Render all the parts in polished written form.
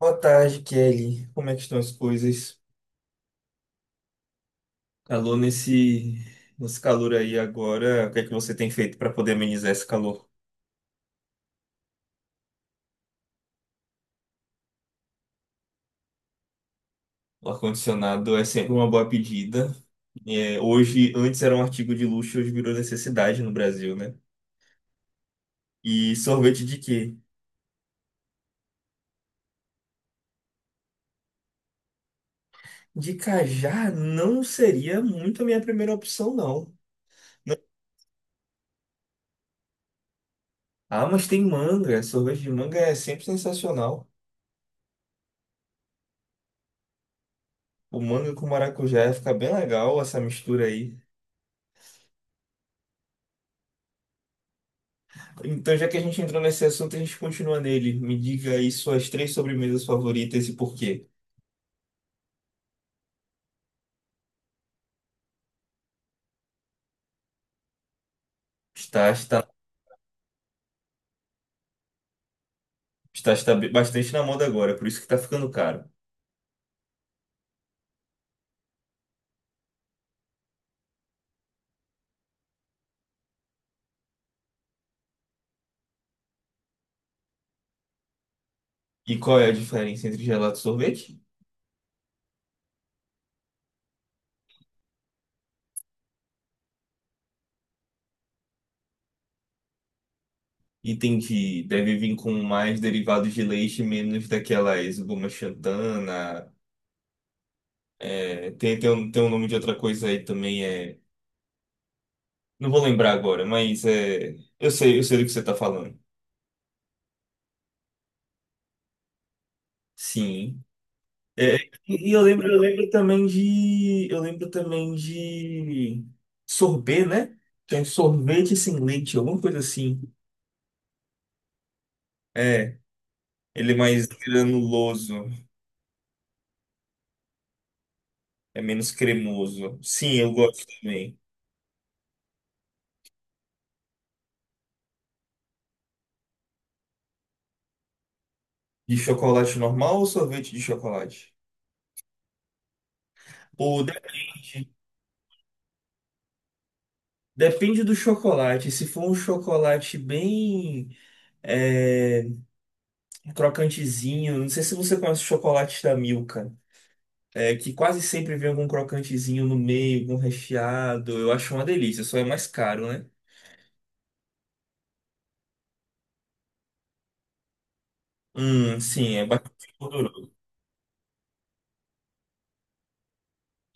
Boa tarde, Kelly. Como é que estão as coisas? Alô, nesse calor aí agora, o que é que você tem feito para poder amenizar esse calor? O ar-condicionado é sempre uma boa pedida. É, hoje, antes era um artigo de luxo, hoje virou necessidade no Brasil, né? E sorvete de quê? De cajá não seria muito a minha primeira opção, não. Ah, mas tem manga. Sorvete de manga é sempre sensacional. O manga com maracujá fica bem legal essa mistura aí. Então, já que a gente entrou nesse assunto, a gente continua nele. Me diga aí suas três sobremesas favoritas e por quê. Está, está, Bastante na moda agora, por isso que está ficando caro. E qual é a diferença entre gelato e sorvete? Entendi. Deve vir com mais derivados de leite, menos daquelas goma xantana. É, tem um nome de outra coisa aí também, Não vou lembrar agora, mas eu sei do que você está falando. Sim. É, e eu lembro também eu lembro também de sorbet, né? Tem sorvete sem leite, alguma coisa assim. É, ele é mais granuloso, é menos cremoso. Sim, eu gosto também. De chocolate normal ou sorvete de chocolate? Ou depende. Depende do chocolate. Se for um chocolate bem é, crocantezinho, não sei se você conhece o chocolate da Milka. É, que quase sempre vem algum crocantezinho no meio, algum recheado. Eu acho uma delícia, só é mais caro, né? Sim, é bastante gorduroso.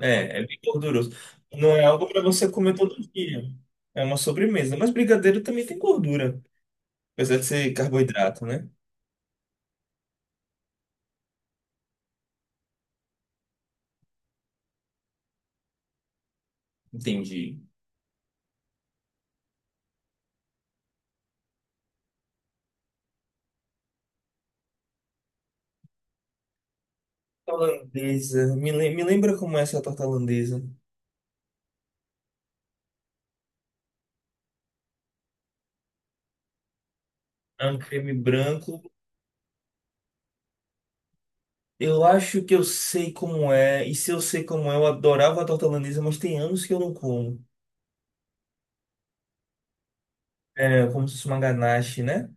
É, é bem gorduroso. Não é algo para você comer todo dia. É uma sobremesa. Mas brigadeiro também tem gordura, apesar de ser carboidrato, né? Entendi. Torta Holandesa. Me lembra como é essa torta holandesa? É um creme branco. Eu acho que eu sei como é. E se eu sei como é, eu adorava a torta holandesa, mas tem anos que eu não como. É como se fosse uma ganache, né?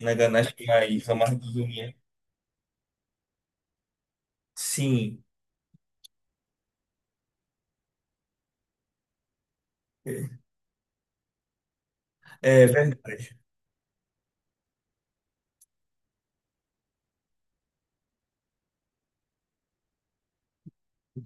Na ganache aí, ramarra. Sim, é é verdade.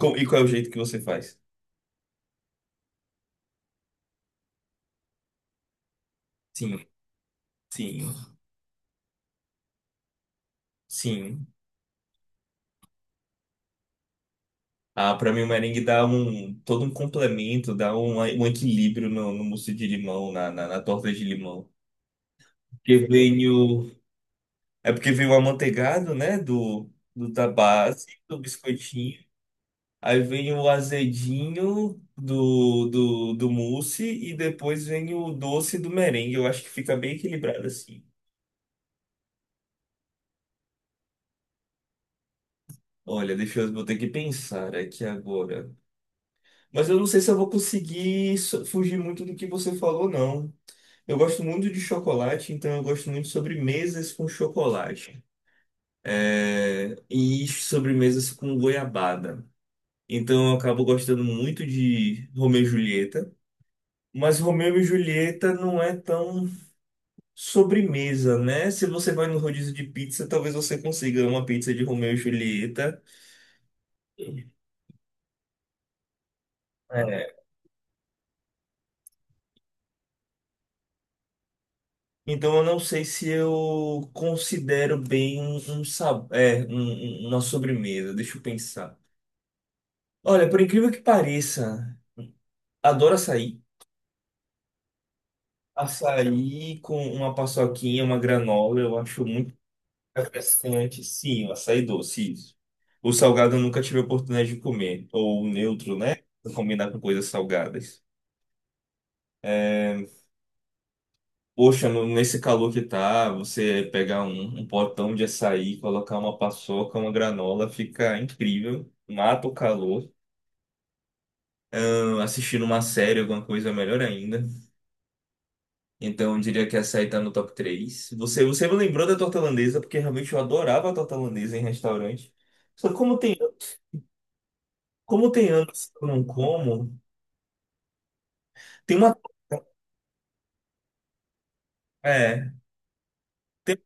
E qual é o jeito que você faz? Sim, sim, sim. Ah, para mim o merengue dá um todo um complemento, um equilíbrio no mousse de limão, na torta de limão. Porque vem o, é porque vem o amanteigado, né, do da base, do biscoitinho. Aí vem o azedinho do mousse e depois vem o doce do merengue. Eu acho que fica bem equilibrado assim. Olha, vou ter que pensar aqui agora. Mas eu não sei se eu vou conseguir fugir muito do que você falou, não. Eu gosto muito de chocolate, então eu gosto muito de sobremesas com chocolate. É, e sobremesas com goiabada. Então eu acabo gostando muito de Romeu e Julieta. Mas Romeu e Julieta não é tão sobremesa, né? Se você vai no rodízio de pizza, talvez você consiga uma pizza de Romeu e Julieta. Então, eu não sei se eu considero bem uma sobremesa. Deixa eu pensar. Olha, por incrível que pareça, adoro açaí. Açaí com uma paçoquinha, uma granola, eu acho muito refrescante. Sim, o açaí doce, isso. O salgado eu nunca tive a oportunidade de comer. Ou o neutro, né? Pra combinar com coisas salgadas. É, poxa, nesse calor que tá, você pegar um potão de açaí, colocar uma paçoca, uma granola, fica incrível. Mata o calor. Ah, assistindo uma série, alguma coisa é melhor ainda. Então, eu diria que açaí tá no top 3. Você me lembrou da torta holandesa, porque realmente eu adorava a torta holandesa em restaurante. Só que como tem anos que eu não como, tem uma. É, tem,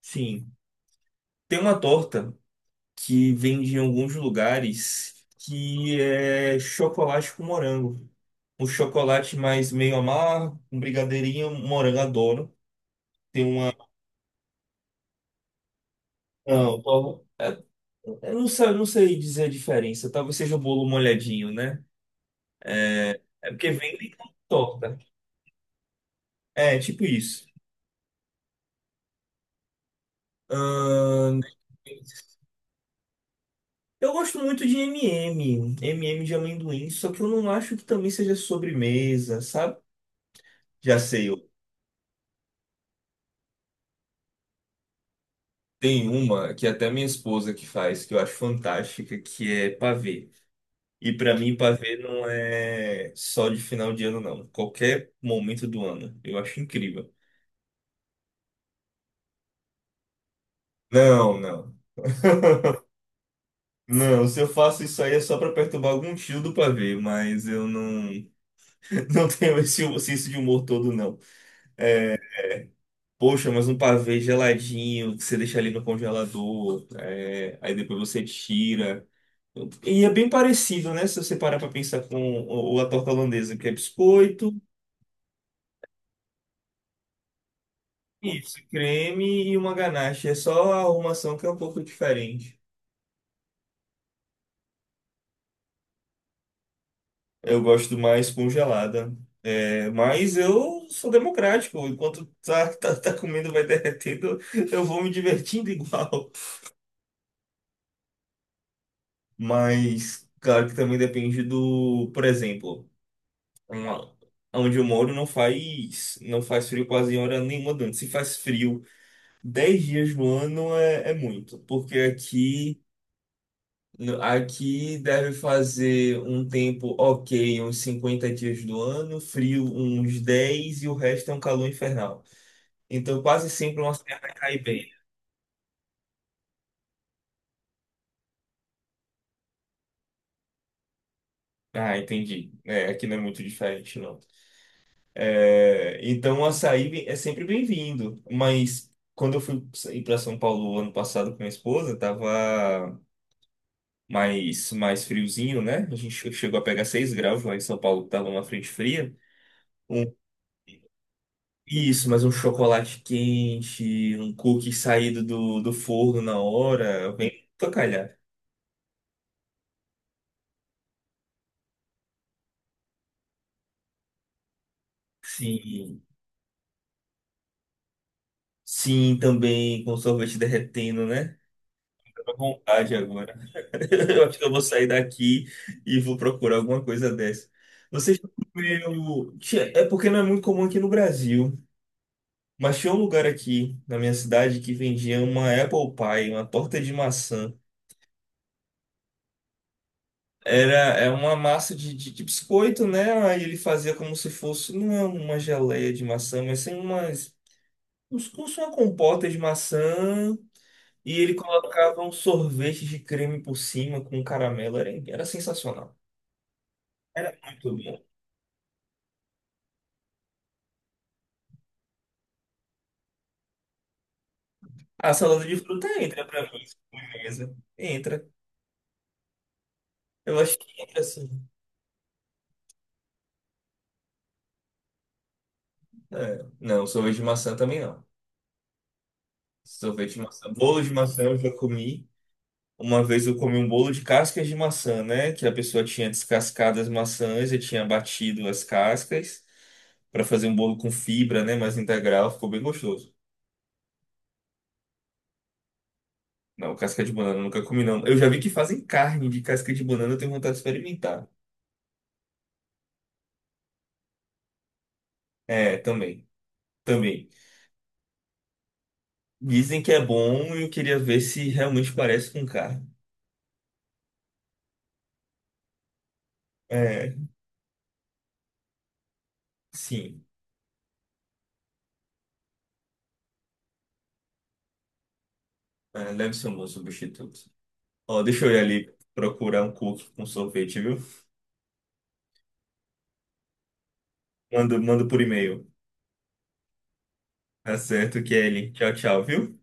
sim. Tem uma torta que vende em alguns lugares, que é chocolate com morango. Um chocolate mais meio amargo, um brigadeirinho, um morango, adoro. Tem uma. Não, tô- é- eu não sei, eu não sei dizer a diferença. Talvez seja o bolo molhadinho, né? É porque vem bem com torta. É, tipo isso. Ahn, eu gosto muito de MM, MM de amendoim, só que eu não acho que também seja sobremesa, sabe? Já sei, tem uma que até minha esposa que faz, que eu acho fantástica, que é pavê. E pra mim, pavê não é só de final de ano, não. Qualquer momento do ano. Eu acho incrível. Não, não. Não, se eu faço isso aí é só pra perturbar algum tio do pavê, mas eu não, não tenho esse senso de humor todo, não. Poxa, mas um pavê geladinho, que você deixa ali no congelador, é, aí depois você tira. E é bem parecido, né? Se você parar para pensar com a torta holandesa, que é biscoito, isso, creme e uma ganache. É só a arrumação que é um pouco diferente. Eu gosto mais congelada. É, mas eu sou democrático. Enquanto tá comendo, vai derretendo, eu vou me divertindo igual. Mas, claro que também depende do, por exemplo, uma- onde eu moro não faz, não faz frio quase em hora nenhuma durante. Se faz frio 10 dias no ano é, é muito, porque aqui, aqui deve fazer um tempo ok, uns 50 dias do ano, frio uns 10 e o resto é um calor infernal. Então quase sempre uma serra cai bem. Ah, entendi. É, aqui não é muito diferente, não. É, então o açaí é sempre bem-vindo, mas quando eu fui ir para São Paulo ano passado com minha esposa, tava mais friozinho, né? A gente chegou a pegar 6 graus lá em São Paulo, que tava uma frente fria. Um, isso, mas um chocolate quente, um cookie saído do forno na hora, vem pra calhar. Sim, sim, também com sorvete derretendo, né? Tô com vontade agora. Eu acho que eu vou sair daqui e vou procurar alguma coisa dessa. Você já comeu... Tia, é porque não é muito comum aqui no Brasil. Mas tinha um lugar aqui na minha cidade que vendia uma apple pie, uma torta de maçã. Era, é uma massa de biscoito, né? Aí ele fazia como se fosse, não é uma geleia de maçã, mas sim como se fosse uma compota de maçã. E ele colocava um sorvete de creme por cima com caramelo. Era sensacional. Era muito bom. A salada de fruta entra pra mim, sobremesa. Entra. Eu acho que entra sim. É. Não, sorvete de maçã também não. Sorvete de maçã. Bolo de maçã eu já comi. Uma vez eu comi um bolo de cascas de maçã, né? Que a pessoa tinha descascado as maçãs e tinha batido as cascas para fazer um bolo com fibra, né? Mais integral. Ficou bem gostoso. Não, casca de banana eu nunca comi, não. Eu já vi que fazem carne de casca de banana, eu tenho vontade de experimentar. É, também. Também. Dizem que é bom e eu queria ver se realmente parece com carne. É, sim. É, deve ser um bom substituto. Ó, deixa eu ir ali procurar um cookie com sorvete, viu? Mando, mando por e-mail. Tá certo, Kelly. Tchau, tchau, viu?